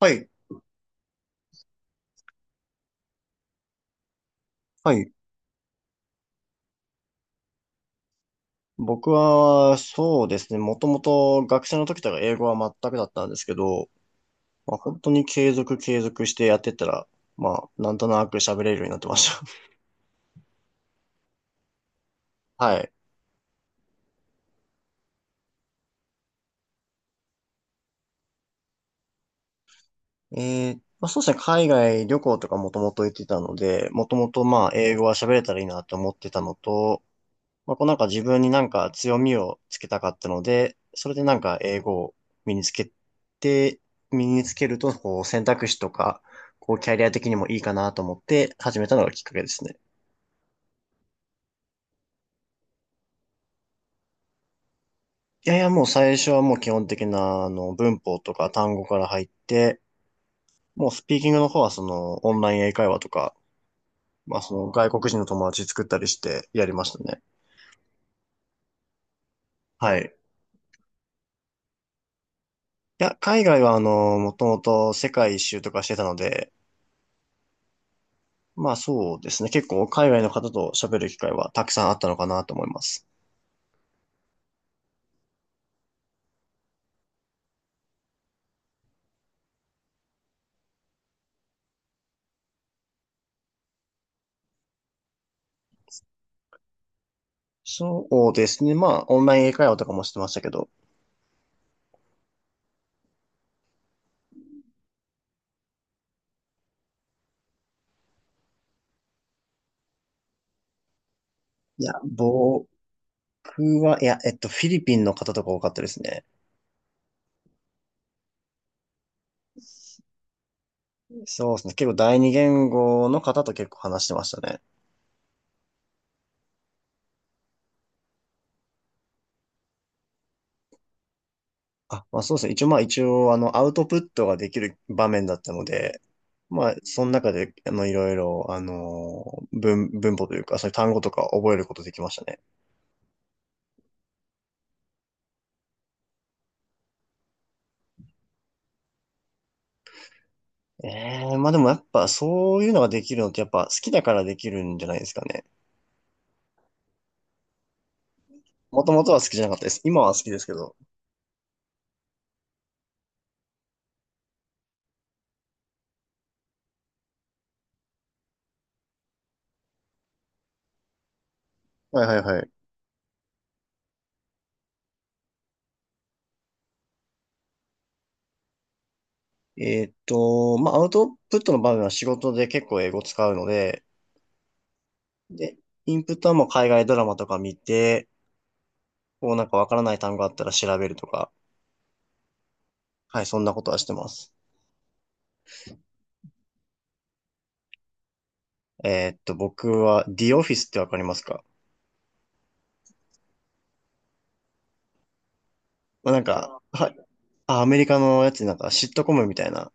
はい、はい。僕は、そうですね。もともと学生の時とか英語は全くだったんですけど、本当に継続してやってったら、なんとなく喋れるようになってました。はい。そうですね。海外旅行とかもともと行ってたので、もともと英語は喋れたらいいなと思ってたのと、自分になんか強みをつけたかったので、それでなんか英語を身につけて、身につけると、こう選択肢とか、こうキャリア的にもいいかなと思って始めたのがきっかけですね。いやいや、もう最初はもう基本的な、文法とか単語から入って、もうスピーキングの方はその、オンライン英会話とか、その、外国人の友達作ったりしてやりましたね。はい。いや、海外はあの、もともと世界一周とかしてたので、まあそうですね。結構海外の方と喋る機会はたくさんあったのかなと思います。そうですね。まあオンライン英会話とかもしてましたけど。いや、僕は、いや、フィリピンの方とか多かったですね。そうですね。結構第二言語の方と結構話してましたね。あ、まあそうですね。一応あのアウトプットができる場面だったので、まあその中であのいろいろあの文法というかそういう単語とか覚えることできましたね。ええまあでもやっぱそういうのができるのってやっぱ好きだからできるんじゃないですかね。もともとは好きじゃなかったです。今は好きですけど。はいはいはい。まあアウトプットの場面は仕事で結構英語使うので、で、インプットはもう海外ドラマとか見て、こうなんかわからない単語あったら調べるとか、はい、そんなことはしてます。僕は The Office ってわかりますか？まあなんか、はい。あ、アメリカのやつなんかシットコムみたいな。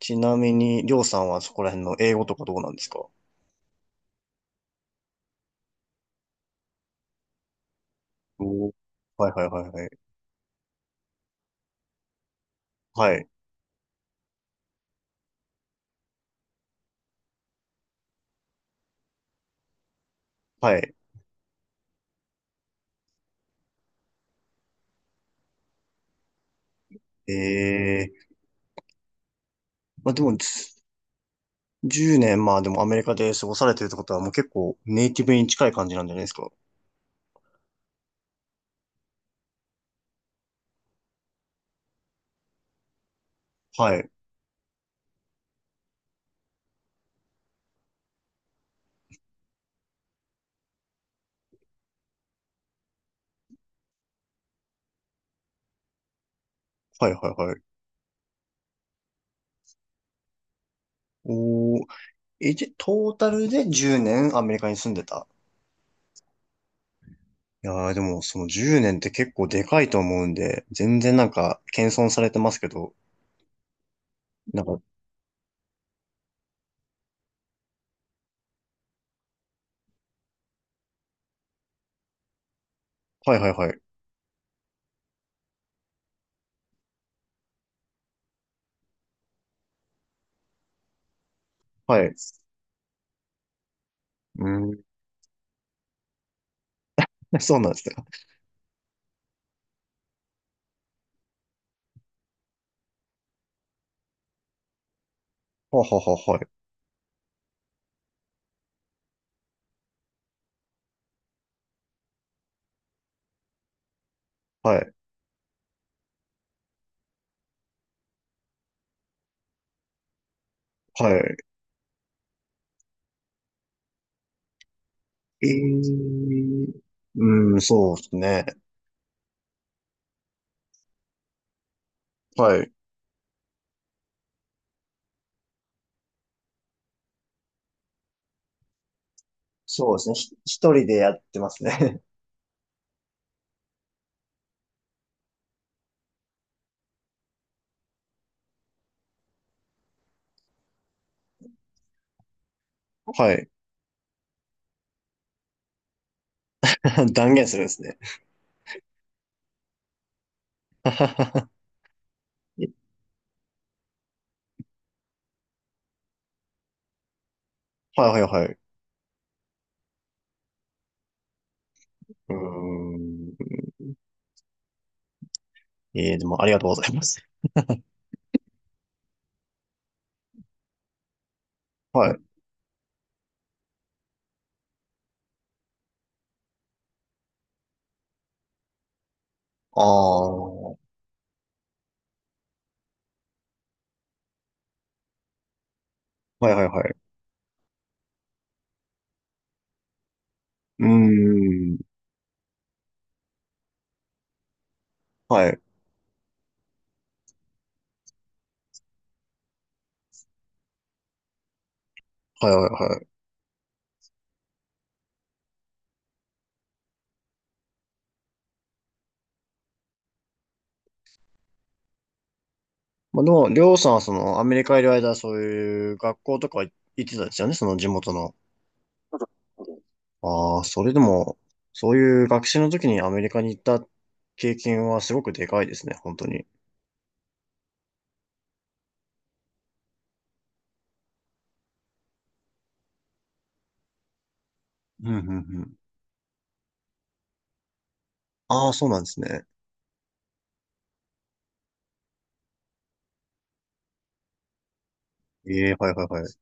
ちなみに、りょうさんはそこら辺の英語とかどうなんですか？おー、はいはいはいはい。はい。はい。ええまあでも、つ10年、まあでもアメリカで過ごされてるってことはもう結構ネイティブに近い感じなんじゃないですか。はい。はいはいはい。おー。え、じゃ、トータルで10年アメリカに住んでた。いやーでもその10年って結構でかいと思うんで、全然なんか謙遜されてますけど、なんか、はいはいはい。はい。うーん。そうなんですね。はははは、はい。はい。はい。えー。うん、そうですね。はい。そうですね。一人でやってますね。はい。断言するんですね。はいはいはい。うーん。えー、でもありがとうございます。はい。ああ。はいはいはい。うーん。はい。はいはいはい。まあでも、りょうさんはそのアメリカいる間、そういう学校とか行ってたんですよね、その地元の。ああ、それでも、そういう学習の時にアメリカに行った経験はすごくでかいですね、本当に。うんうんうん。ああ、そうなんですね。ええ、はいはいはい。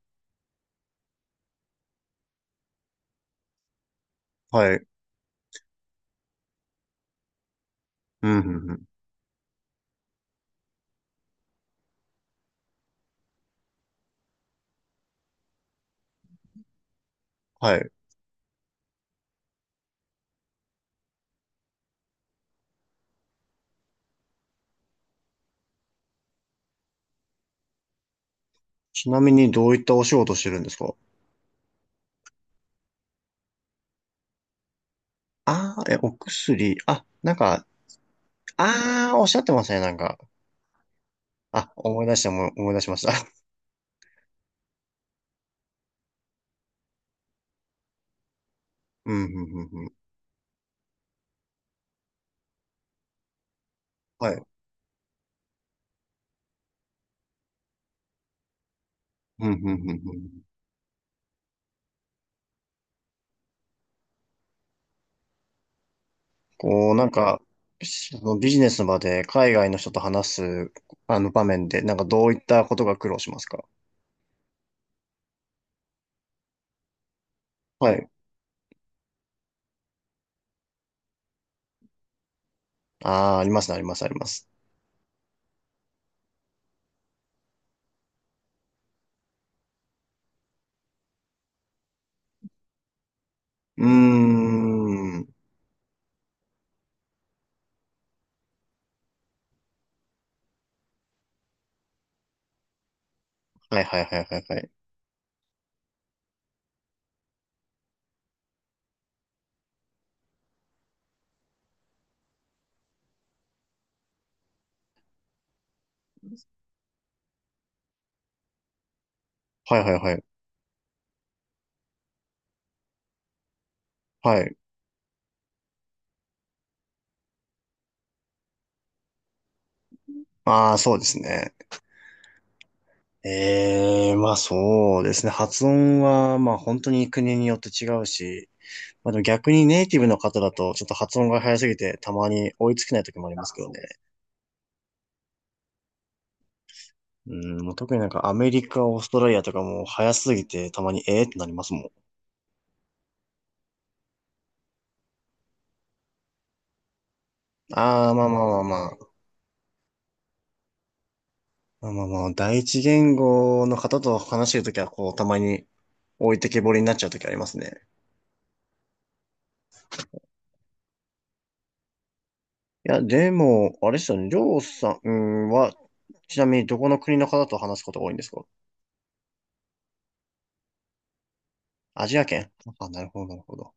はい。うん、うん、うん。はい。ちなみにどういったお仕事してるんですか？ああー、え、お薬。あ、なんか、ああ、おっしゃってましたね、なんか。あ、思い出しました。うん、うん、うん、うん。はい。うん、うん、うん、うん。こう、なんか、そのビジネスの場で海外の人と話す、あの場面で、なんかどういったことが苦労しますか？はい。ああ、ありますね、あります、あります。うーん。はい、はい、はい、はい、はい。はい、はい、はい。はい。ああ、そうですね。ええまあそうですね。発音は、まあ本当に国によって違うし、まあでも逆にネイティブの方だと、ちょっと発音が早すぎて、たまに追いつけない時もありますけどね。うん、もう特になんかアメリカ、オーストラリアとかも早すぎて、たまにええってなりますもん。ああ、まあまあまあまあ。まあまあまあ、第一言語の方と話してるときは、こう、たまに置いてけぼりになっちゃうときありますね。いや、でも、あれですよね。りょうさんは、ちなみにどこの国の方と話すことが多いんですか？アジア圏。あ、なるほど、なるほど。